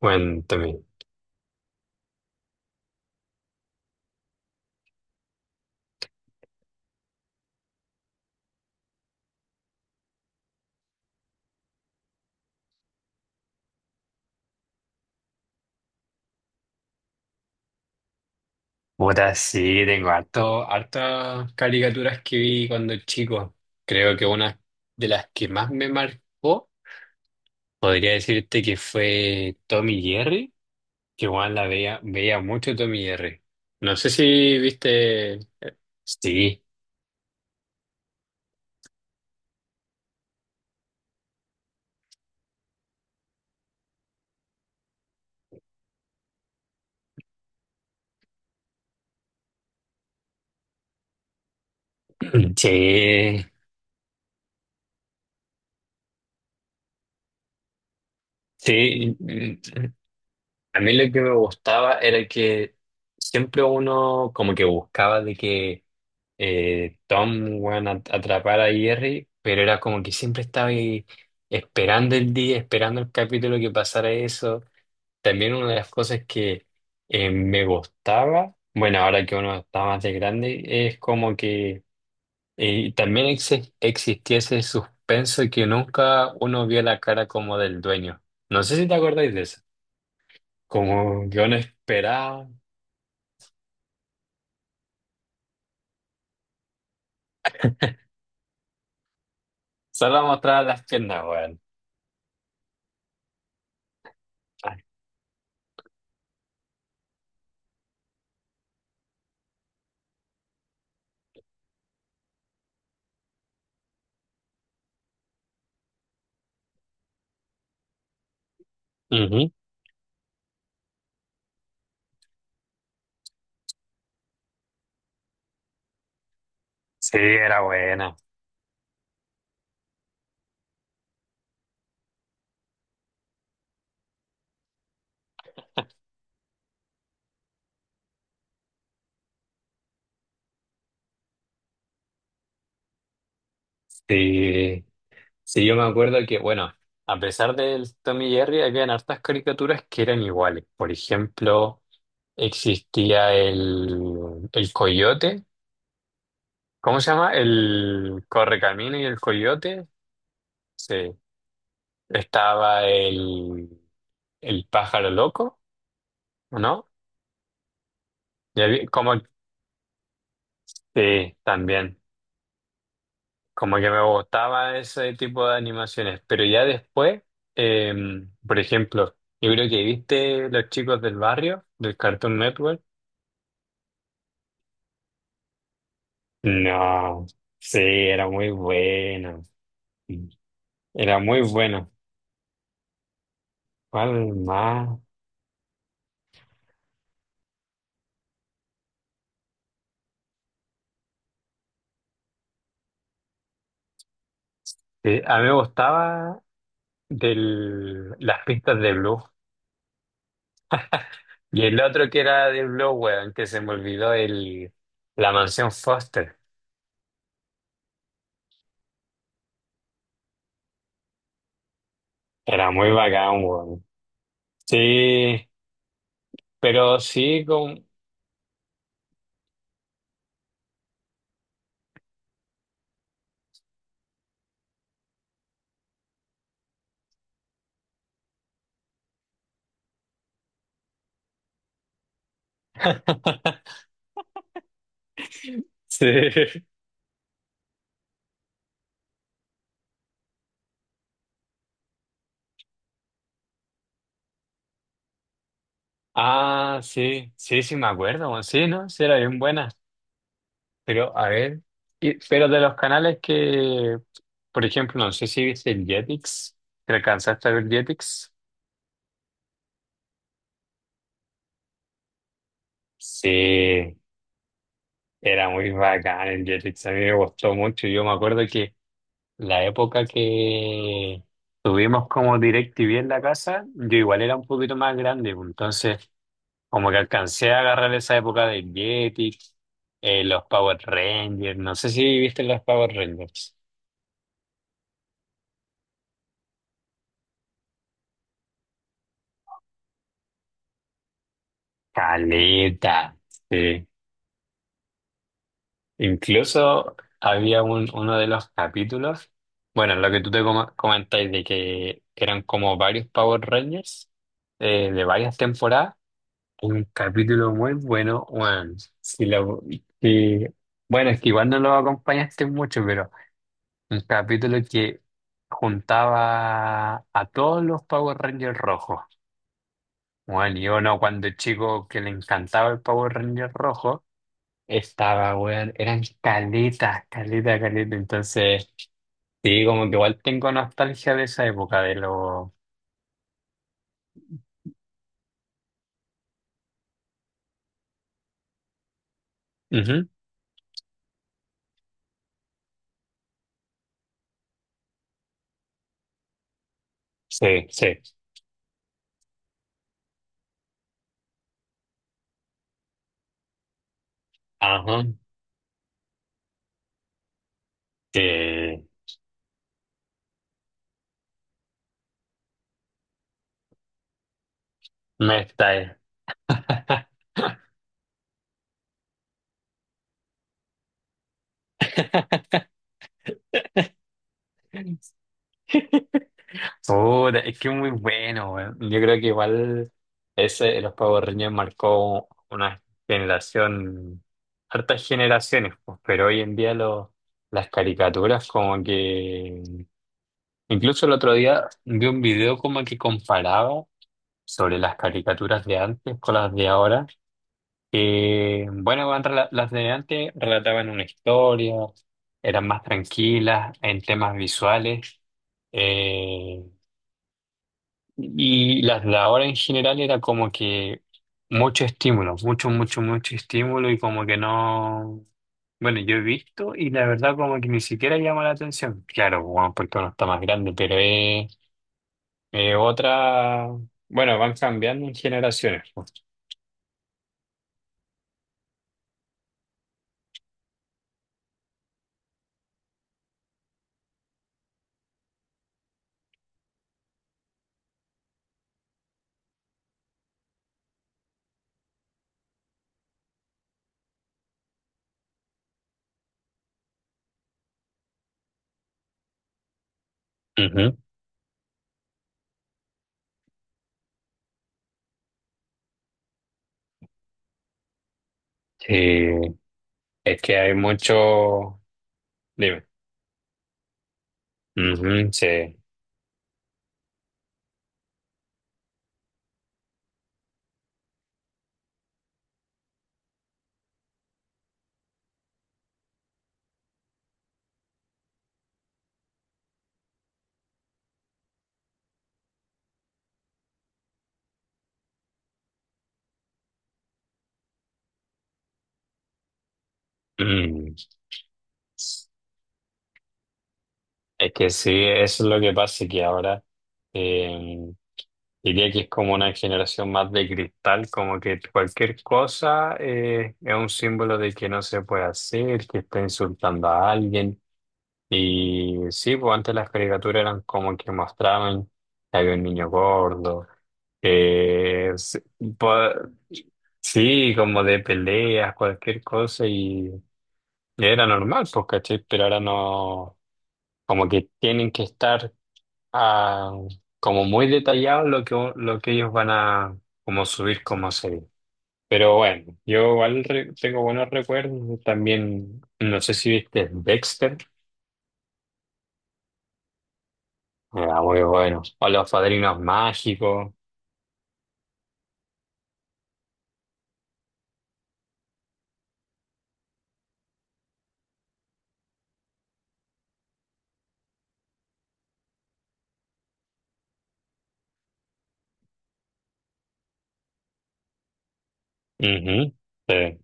Cuéntame. Puta, sí, tengo harto, hartas caricaturas que vi cuando chico. Creo que una de las que más me marcó, podría decirte que fue Tommy y Jerry, que igual la veía, veía mucho Tommy y Jerry. No sé si viste. Sí, sí, sí. A mí lo que me gustaba era que siempre uno como que buscaba de que Tom weón, atrapara a Jerry, pero era como que siempre estaba ahí esperando el día, esperando el capítulo que pasara eso. También una de las cosas que me gustaba, bueno, ahora que uno está más de grande, es como que también existía ese suspenso que nunca uno vio la cara como del dueño. No sé si te acordáis de eso como yo no esperaba. Solo mostraba las piernas, weón. Ay. Ujú. Sí, era buena. Sí. Sí, yo me acuerdo que, bueno, a pesar del Tommy y Jerry, habían hartas caricaturas que eran iguales. Por ejemplo, existía el coyote. ¿Cómo se llama? El correcamino y el coyote. Sí. Estaba el pájaro loco, ¿o no? Como, sí, también. Como que me gustaba ese tipo de animaciones, pero ya después, eh, por ejemplo, yo creo que viste Los Chicos del Barrio, del Cartoon Network. No, sí, era muy bueno. Era muy bueno. ¿Cuál más? Sí, a mí me gustaba del, las pistas de Blue. Y el otro que era de Blue, weón, que se me olvidó, el, la mansión Foster. Era muy bacán, weón. Sí, pero sí, con... Sí. Ah, sí, sí, sí, me acuerdo, bueno, sí, ¿no? Sí, era bien buena. Pero, a ver, pero de los canales que, por ejemplo, no sé si viste el Jetix, ¿te alcanzaste a ver Jetix? Sí, era muy bacán el Jetix, a mí me gustó mucho. Yo me acuerdo que la época que tuvimos como DirecTV en la casa, yo igual era un poquito más grande, pues, entonces como que alcancé a agarrar esa época de Jetix, los Power Rangers, no sé si viste los Power Rangers. Caleta, sí. Incluso había uno de los capítulos, bueno, lo que tú te comentáis de que eran como varios Power Rangers de varias temporadas, un capítulo muy bueno, bueno, si lo, si- bueno, es que igual no lo acompañaste mucho, pero... Un capítulo que juntaba a todos los Power Rangers rojos. Bueno, y uno cuando chico que le encantaba el Power Ranger rojo, estaba, weón, eran caletas, caletas, caletas. Entonces, sí, como que igual tengo nostalgia de esa época, de los... Ujú, sí, sí. Ajá. Sí. Me está ahí. Puta, es que es muy bueno, weón. Yo creo que igual ese de los Power Rangers marcó una generación, hartas generaciones, pues, pero hoy en día las caricaturas como que... Incluso el otro día vi un video como que comparaba sobre las caricaturas de antes con las de ahora. Que, bueno, weón, las de antes relataban una historia, eran más tranquilas en temas visuales. eh, y las de ahora en general era como que mucho estímulo, mucho, mucho, mucho estímulo y como que no... Bueno, yo he visto y la verdad como que ni siquiera llama la atención. Claro, bueno, porque uno está más grande, pero es otra... Bueno, van cambiando en generaciones. Pues. Ujú. Sí, es que hay mucho... Dime. Ujú, sí. Mm. Es que sí, eso es lo que pasa, que ahora... Diría que es como una generación más de cristal, como que cualquier cosa es un símbolo de que no se puede hacer, que está insultando a alguien. Y sí, pues antes las caricaturas eran como que mostraban que había un niño gordo, que se- po- sí, como de peleas, cualquier cosa, y, era normal, pues, ¿cachai? Pero ahora no, como que tienen que estar ah, como muy detallado lo que ellos van a como subir como serie. Pero bueno, yo igual tengo buenos recuerdos. También, no sé si viste Dexter. Era muy bueno. O Los Padrinos Mágicos. Ujú, sí.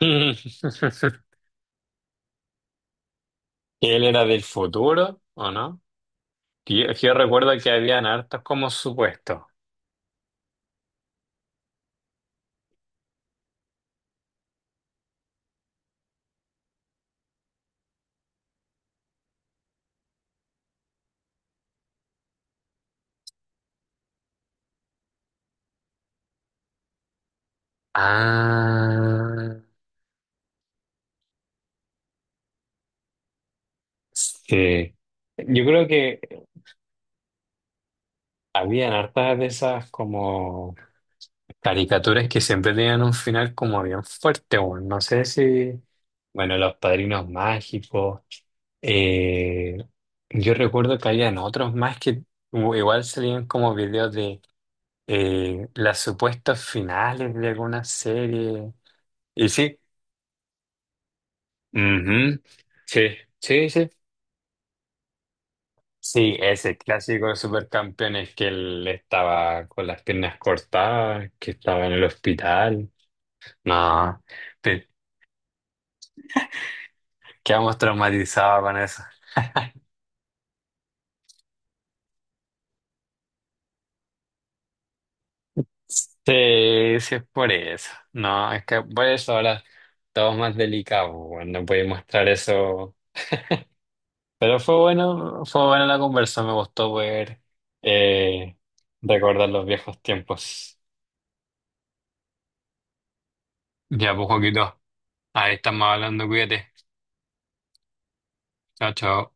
Él era del futuro, ¿o no? Yo recuerdo que habían hartos como supuestos. Ah, sí. Yo creo que habían hartas de esas como caricaturas que siempre tenían un final como bien fuerte, bueno, no sé si, bueno, Los Padrinos Mágicos, eh, yo recuerdo que habían otros más que igual salían como videos de las supuestas finales de alguna serie, y sí, ujú, sí, sí, sí, sí, ese clásico de Supercampeones que él estaba con las piernas cortadas, que estaba en el hospital, no. Quedamos traumatizados con eso. Sí, sí es por eso. No, es que por eso ahora todo es más delicado, weón, no puede mostrar eso. Pero fue bueno, fue buena la conversa, me gustó poder eh, recordar los viejos tiempos. Ya, pues, Joaquito, ahí estamos hablando, cuídate. Chao, chao.